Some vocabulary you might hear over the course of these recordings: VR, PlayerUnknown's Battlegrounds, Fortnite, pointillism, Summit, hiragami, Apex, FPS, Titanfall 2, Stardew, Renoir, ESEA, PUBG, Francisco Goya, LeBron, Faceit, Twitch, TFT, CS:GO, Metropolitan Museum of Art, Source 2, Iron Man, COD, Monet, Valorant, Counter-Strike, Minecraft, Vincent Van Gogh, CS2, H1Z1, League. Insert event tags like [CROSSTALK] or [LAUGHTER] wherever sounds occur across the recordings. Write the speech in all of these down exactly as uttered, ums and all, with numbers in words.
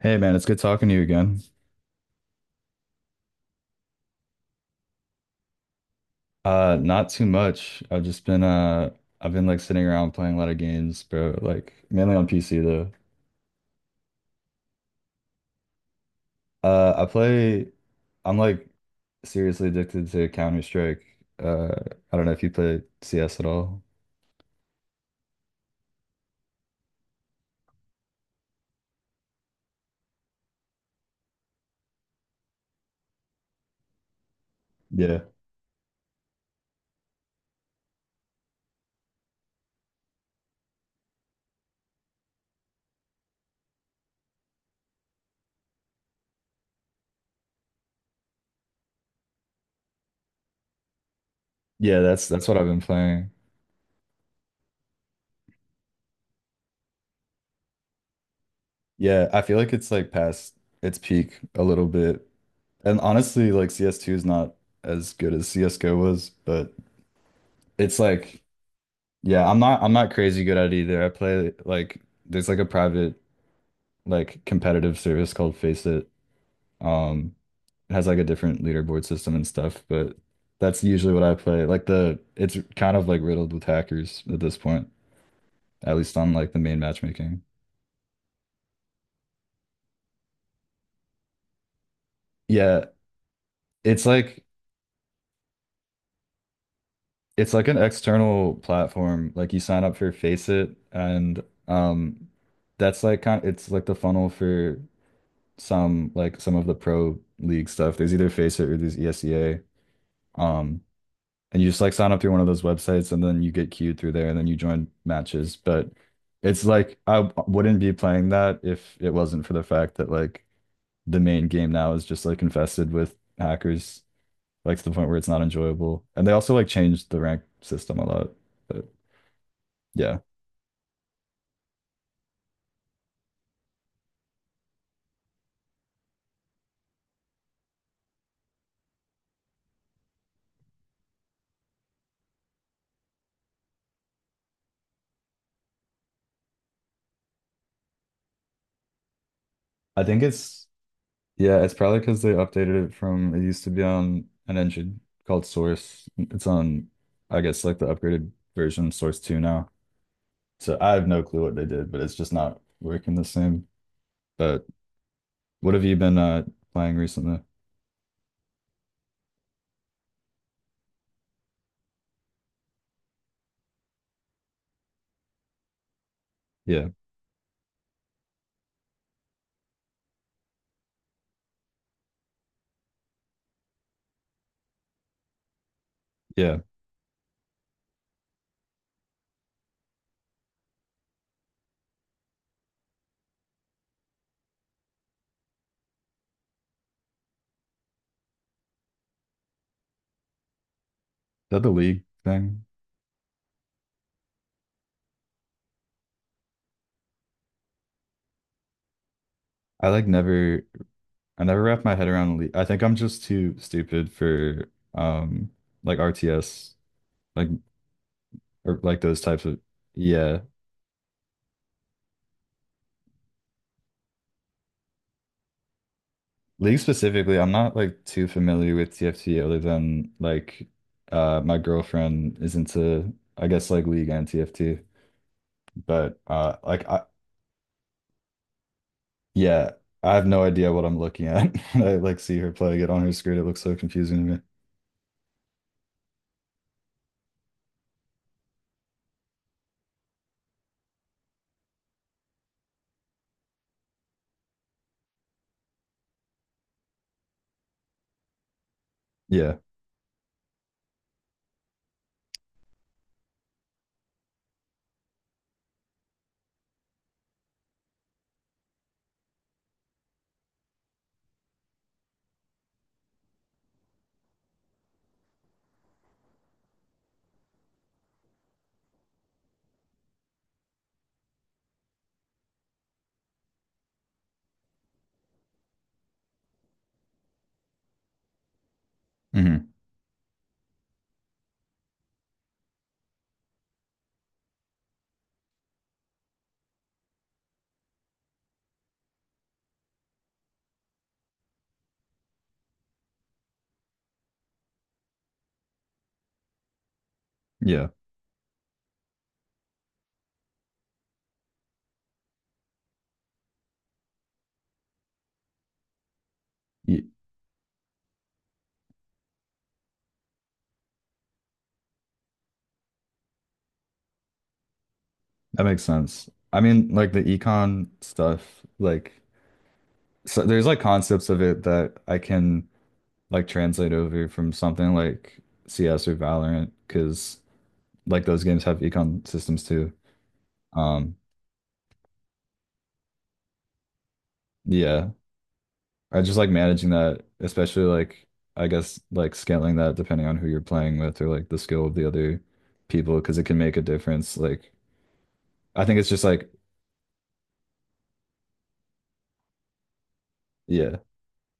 Hey man, it's good talking to you again. Uh, not too much. I've just been uh, I've been like sitting around playing a lot of games, bro. Like mainly on P C though. Uh, I play. I'm like seriously addicted to Counter-Strike. Uh, I don't know if you play C S at all. Yeah. Yeah, that's that's what I've been playing. Yeah, I feel like it's like past its peak a little bit. And honestly, like C S two is not as good as C S:G O was, but it's like Yeah, I'm not I'm not crazy good at it either. I play like there's like a private like competitive service called Face It. Um it has like a different leaderboard system and stuff, but that's usually what I play. Like the It's kind of like riddled with hackers at this point, at least on like the main matchmaking. Yeah, it's like it's like an external platform. Like you sign up for Faceit, and um that's like kind it's like the funnel for some like some of the pro league stuff. There's either Faceit or there's eesa. Um, and you just like sign up through one of those websites and then you get queued through there and then you join matches. But it's like I w- wouldn't be playing that if it wasn't for the fact that like the main game now is just like infested with hackers, like to the point where it's not enjoyable. And they also like changed the rank system a lot. But yeah, I think it's Yeah, it's probably because they updated it. From it used to be on an engine called Source. It's on, I guess, like the upgraded version Source two now. So I have no clue what they did, but it's just not working the same. But what have you been uh playing recently? Yeah, yeah. Is that the league thing? I like never I never wrap my head around the league. I think I'm just too stupid for um like R T S, like or like those types of, yeah. League specifically, I'm not like too familiar with T F T other than like uh my girlfriend is into, I guess, like League and T F T. But uh like I Yeah, I have no idea what I'm looking at. [LAUGHS] I like see her playing it on her screen. It looks so confusing to me. Yeah. Hmm. Yeah. Ye- That makes sense. I mean, like the econ stuff, like so there's like concepts of it that I can like translate over from something like C S or Valorant, because like those games have econ systems too. Um, yeah, I just like managing that, especially like I guess like scaling that depending on who you're playing with or like the skill of the other people, because it can make a difference. Like I think it's just like Yeah.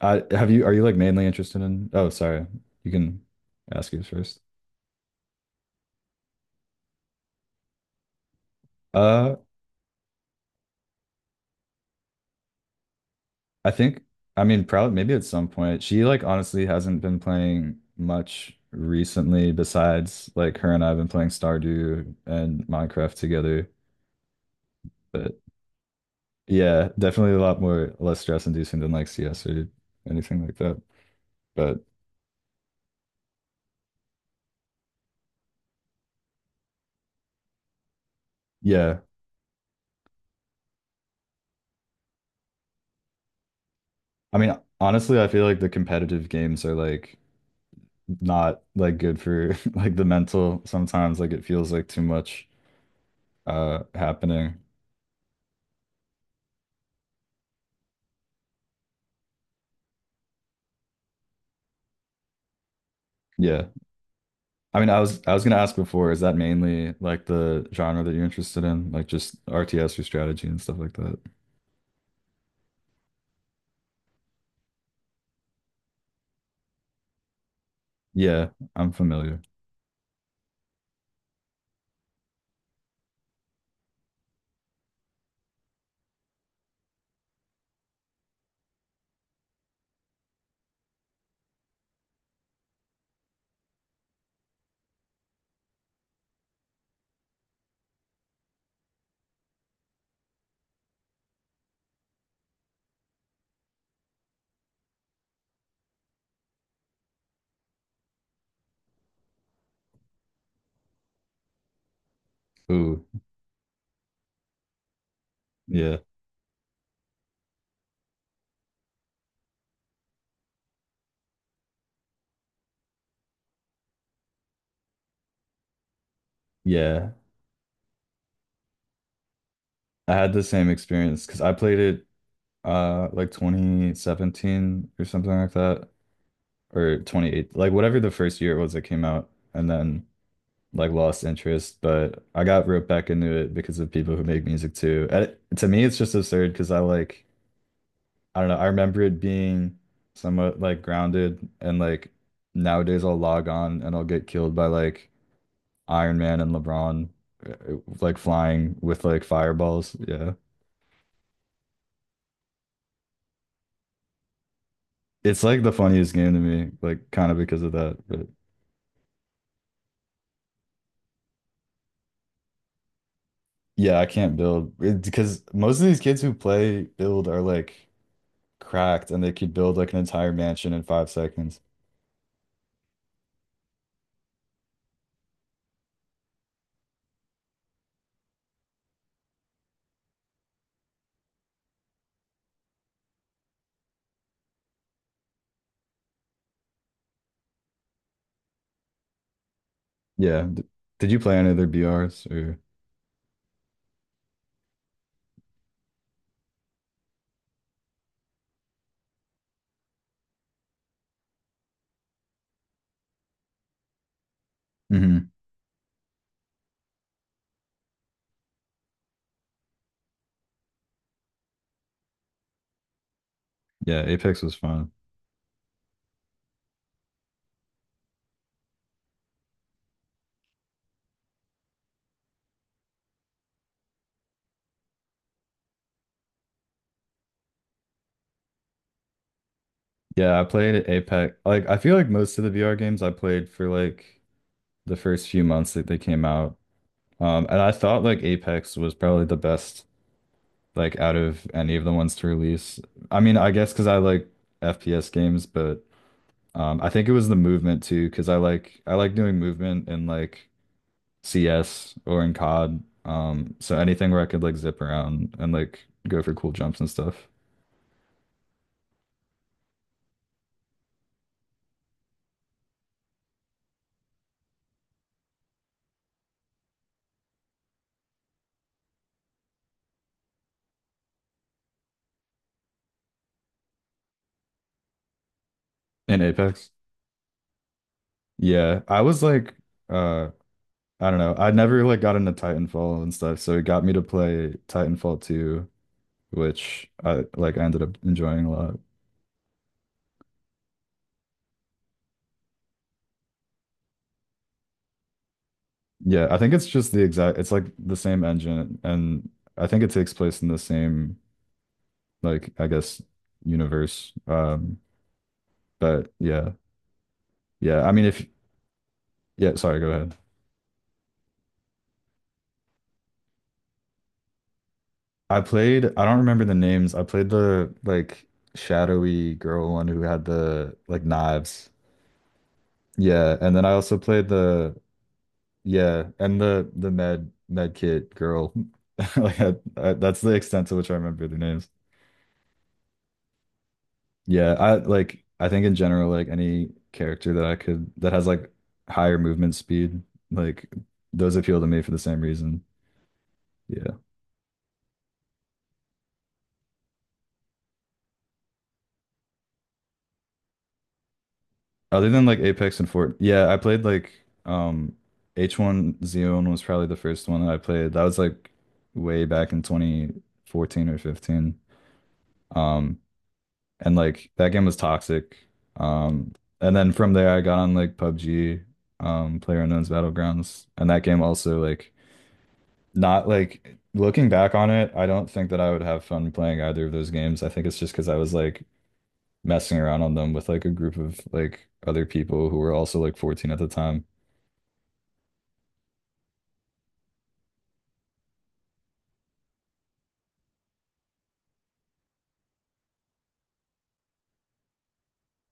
I have you are you like mainly interested in? Oh, sorry, you can ask you first. Uh, I think I mean, probably maybe at some point. She like honestly hasn't been playing much recently. Besides, like, her and I've been playing Stardew and Minecraft together. But yeah, definitely a lot more less stress inducing than like C S or anything like that. But yeah, I mean, honestly, I feel like the competitive games are like not like good for [LAUGHS] like the mental sometimes. Like it feels like too much uh happening. Yeah. I mean, I was I was gonna ask before, is that mainly like the genre that you're interested in? Like just R T S or strategy and stuff like that? Yeah, I'm familiar. Ooh, yeah. Yeah. I had the same experience because I played it uh like twenty seventeen or something like that, or twenty-eight, like whatever the first year it was that came out. And then like lost interest, but I got roped back into it because of people who make music too. And it, to me, it's just absurd because I like, I don't know, I remember it being somewhat like grounded. And like nowadays I'll log on and I'll get killed by like Iron Man and LeBron, uh, uh, like flying with like fireballs, yeah. It's like the funniest game to me, like, kind of because of that. But yeah, I can't build it- because most of these kids who play build are like cracked and they could build like an entire mansion in five seconds. Yeah. D- Did you play any other B Rs or? Hmm. Yeah, Apex was fun. Yeah, I played Apex. Like, I feel like most of the V R games I played for like the first few months that they came out. Um, and I thought like Apex was probably the best, like, out of any of the ones to release. I mean, I guess because I like F P S games, but. Um, I think it was the movement too, because I like I like doing movement in like C S or in COD. Um, so anything where I could like zip around and like go for cool jumps and stuff. In Apex. Yeah. I was like uh I don't know. I never like got into Titanfall and stuff, so it got me to play Titanfall two, which I like I ended up enjoying a lot. Yeah, I think it's just the exact, it's like the same engine. And I think it takes place in the same, like, I guess, universe. Um But yeah, yeah. I mean, if Yeah, sorry, go ahead. I played. I don't remember the names. I played the like shadowy girl one who had the like knives. Yeah, and then I also played the, yeah, and the the med med kit girl. [LAUGHS] Like I, I, that's the extent to which I remember the names. Yeah, I like I think in general, like any character that I could, that has like higher movement speed, like those appeal to me for the same reason. Yeah. Other than like Apex and Fort, yeah, I played like um H one Z one was probably the first one that I played. That was like way back in twenty fourteen or fifteen. Um and like that game was toxic. Um and then from there I got on like PUBG, um PlayerUnknown's Battlegrounds, and that game also like, not like, looking back on it, I don't think that I would have fun playing either of those games. I think it's just because I was like messing around on them with like a group of like other people who were also like fourteen at the time.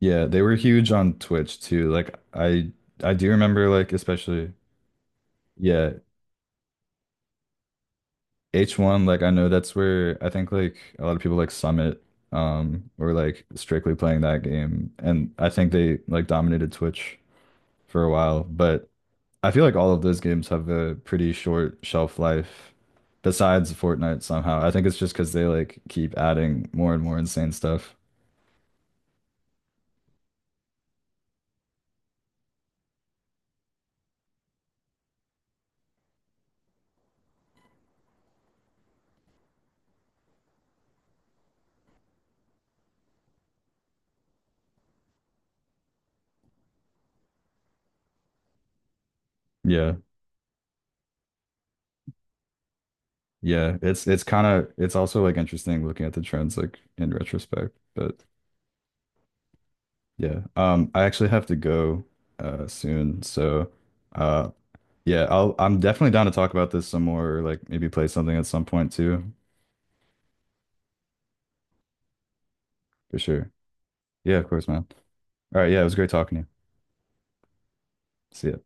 Yeah, they were huge on Twitch too. Like I I do remember like especially, yeah, H one, like I know that's where I think like a lot of people like Summit um were like strictly playing that game and I think they like dominated Twitch for a while. But I feel like all of those games have a pretty short shelf life besides Fortnite somehow. I think it's just because they like keep adding more and more insane stuff. Yeah. Yeah, it's it's kind of, it's also like interesting looking at the trends like in retrospect. But yeah, um, I actually have to go uh soon. So uh yeah, I'll I'm definitely down to talk about this some more, or like maybe play something at some point too, for sure. Yeah, of course, man. All right, yeah, it was great talking to you. See ya.